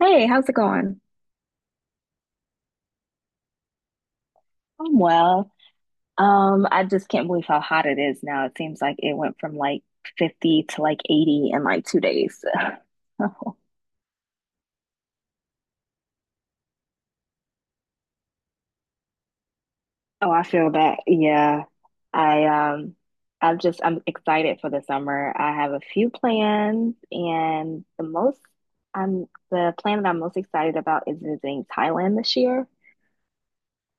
Hey, how's it going? I'm well. I just can't believe how hot it is now. It seems like it went from like 50 to like 80 in like 2 days. Oh, I feel that. Yeah. I I'm just I'm excited for the summer. I have a few plans and the plan that I'm most excited about is visiting Thailand this year.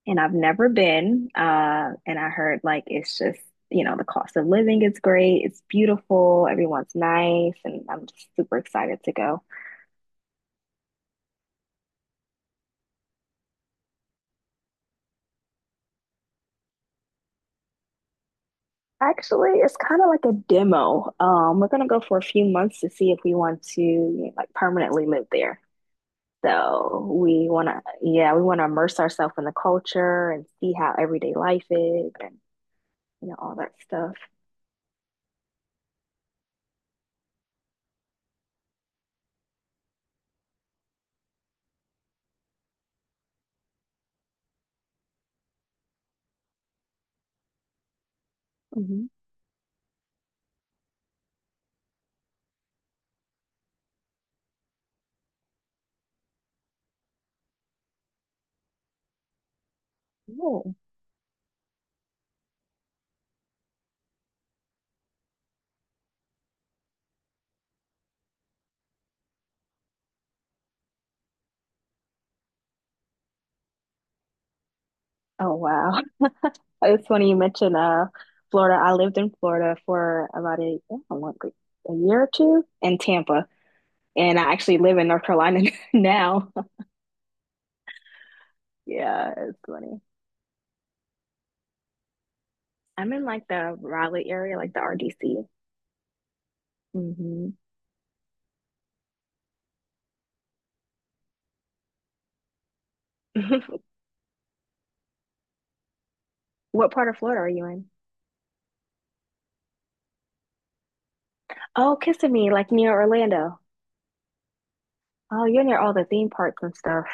And I've never been. And I heard like it's just, the cost of living is great. It's beautiful. Everyone's nice. And I'm just super excited to go. Actually, it's kind of like a demo. We're gonna go for a few months to see if we want to like permanently live there. So yeah, we wanna immerse ourselves in the culture and see how everyday life is and all that stuff. Mhm. Cool. Oh wow. It's funny you mentioned Florida. I lived in Florida for about a, I don't know, like a year or two in Tampa, and I actually live in North Carolina now. Yeah, it's funny. I'm in like the Raleigh area, like the RDC. Hmm. What part of Florida are you in? Oh, Kissimmee, like near Orlando. Oh, you're near all the theme parks and stuff.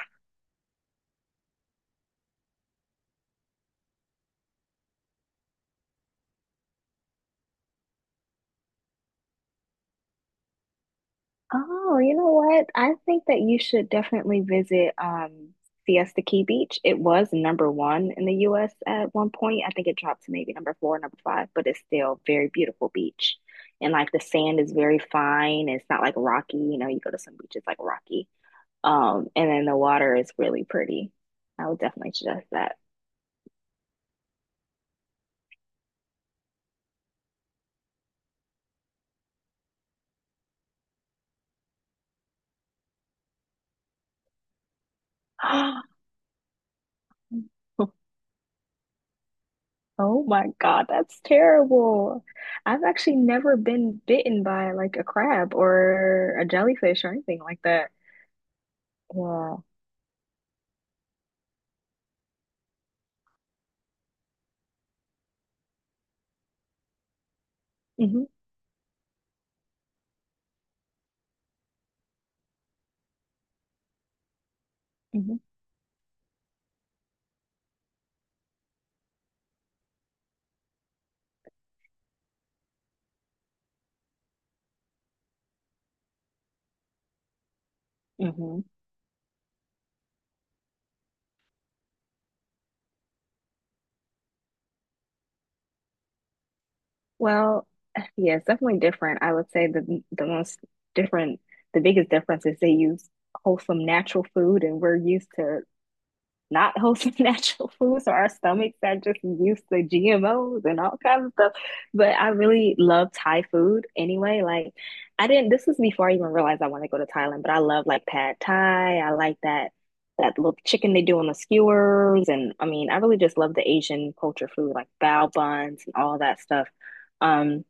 Oh, you know what? I think that you should definitely visit Siesta Key Beach. It was number one in the US at one point. I think it dropped to maybe number four, number five, but it's still very beautiful beach. And like the sand is very fine. It's not like rocky. You know, you go to some beaches like rocky. And then the water is really pretty. I would definitely suggest that. Oh my God, that's terrible. I've actually never been bitten by like a crab or a jellyfish or anything like that. Yeah. Hmm. Hmm. Hmm. Well, yeah, it's definitely different. I would say different, the biggest difference is they use wholesome natural food and we're used to not wholesome natural food. So our stomachs are just used to GMOs and all kinds of stuff. But I really love Thai food anyway. Like I didn't this was before I even realized I want to go to Thailand, but I love like pad Thai. I like that little chicken they do on the skewers, and I mean I really just love the Asian culture food, like bao buns and all that stuff. Um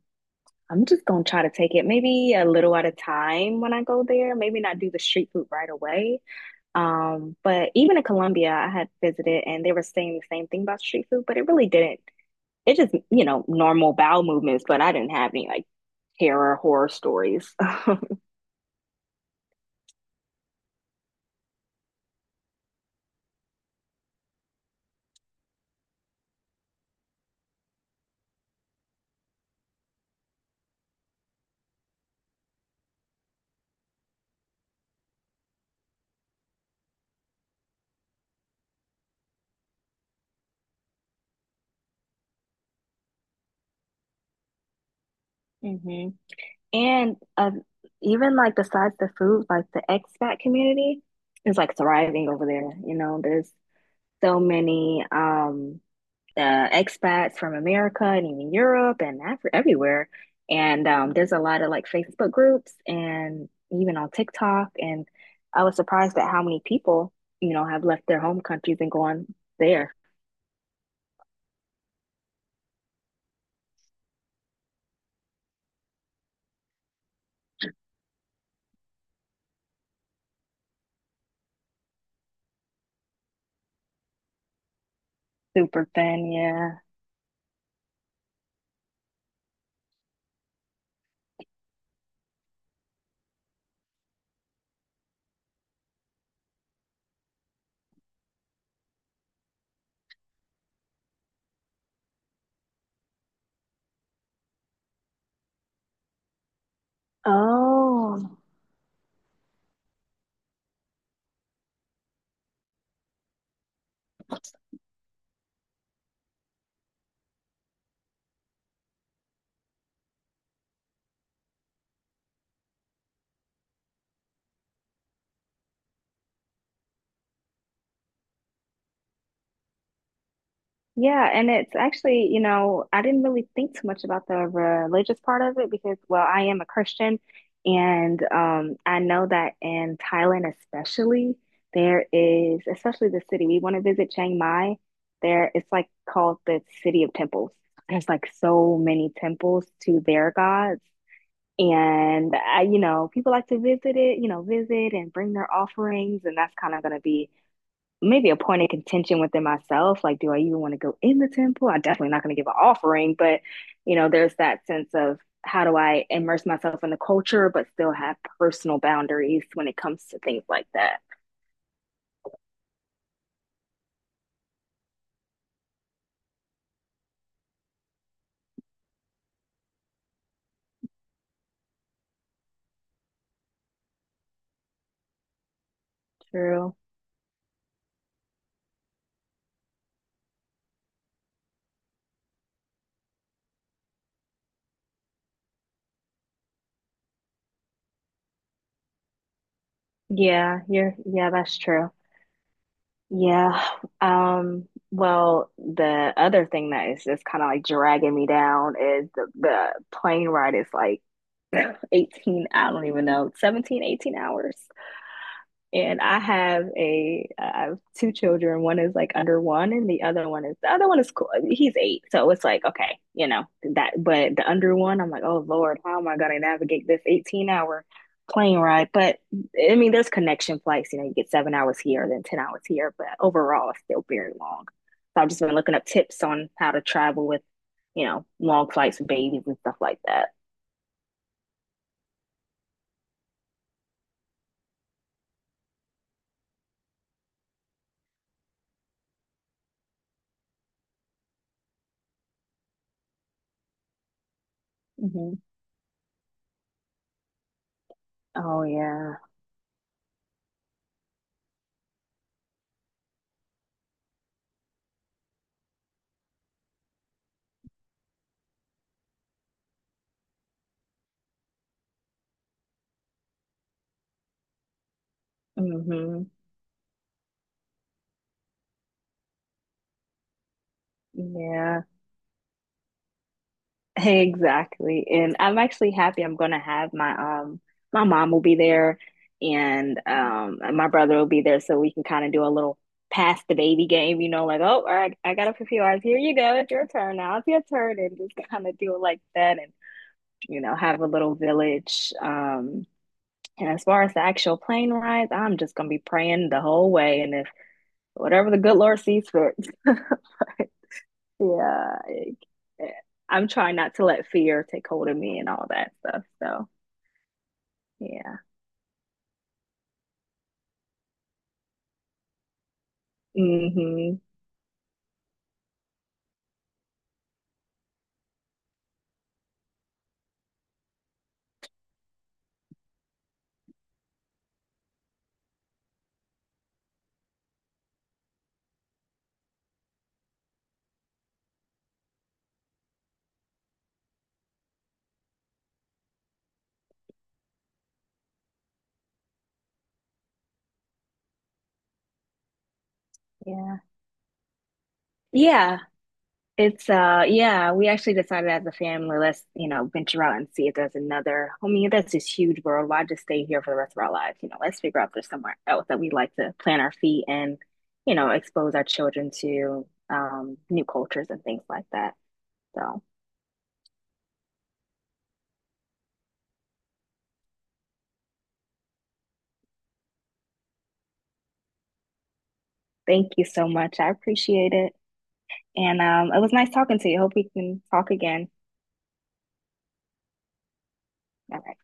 I'm just gonna try to take it maybe a little at a time when I go there. Maybe not do the street food right away, but even in Colombia, I had visited and they were saying the same thing about street food, but it really didn't. It just, normal bowel movements, but I didn't have any like terror horror stories. Hmm. And even like besides the food, like the expat community is like thriving over there. You know, there's so many. Expats from America and even Europe and everywhere. And there's a lot of like Facebook groups and even on TikTok. And I was surprised at how many people, have left their home countries and gone there. Super thin, yeah. Oh, yeah, and it's actually, I didn't really think too much about the religious part of it because, well, I am a Christian, and I know that in Thailand, especially, there is, especially the city we want to visit, Chiang Mai. There, it's like called the City of Temples. There's like so many temples to their gods, and people like to visit it, visit and bring their offerings, and that's kind of going to be maybe a point of contention within myself. Like, do I even want to go in the temple? I'm definitely not going to give an offering, but there's that sense of how do I immerse myself in the culture, but still have personal boundaries when it comes to things like that. True. Yeah, yeah, that's true. Yeah. Well, the other thing that is just kind of like dragging me down is the plane ride is like 18, I don't even know, 17, 18 hours. And I have two children. One is like under one, and the other one is cool. He's 8, so it's like okay, you know that. But the under one, I'm like, oh Lord, how am I going to navigate this 18-hour plane ride? But I mean, there's connection flights. You know, you get 7 hours here, then 10 hours here, but overall, it's still very long. So I've just been looking up tips on how to travel with, long flights with babies and stuff like that. Hmm. Oh yeah. Hmm. Yeah. Exactly. And I'm actually happy I'm gonna have my mom will be there and my brother will be there so we can kind of do a little pass the baby game, you know, like, oh, all right, I got up a few hours. Here you go. It's your turn now. It's your turn, and just kind of do it like that and, have a little village. And as far as the actual plane rides, I'm just gonna be praying the whole way and if whatever the good Lord sees fit. Yeah, like, eh, I'm trying not to let fear take hold of me and all that stuff. So, yeah. Hmm. Yeah, yeah. It's yeah. We actually decided as a family, let's venture out and see if there's another. I mean, that's this huge world. Why just stay here for the rest of our lives? You know, let's figure out if there's somewhere else that we like to plant our feet and expose our children to new cultures and things like that. So. Thank you so much. I appreciate it. And it was nice talking to you. Hope we can talk again. All right.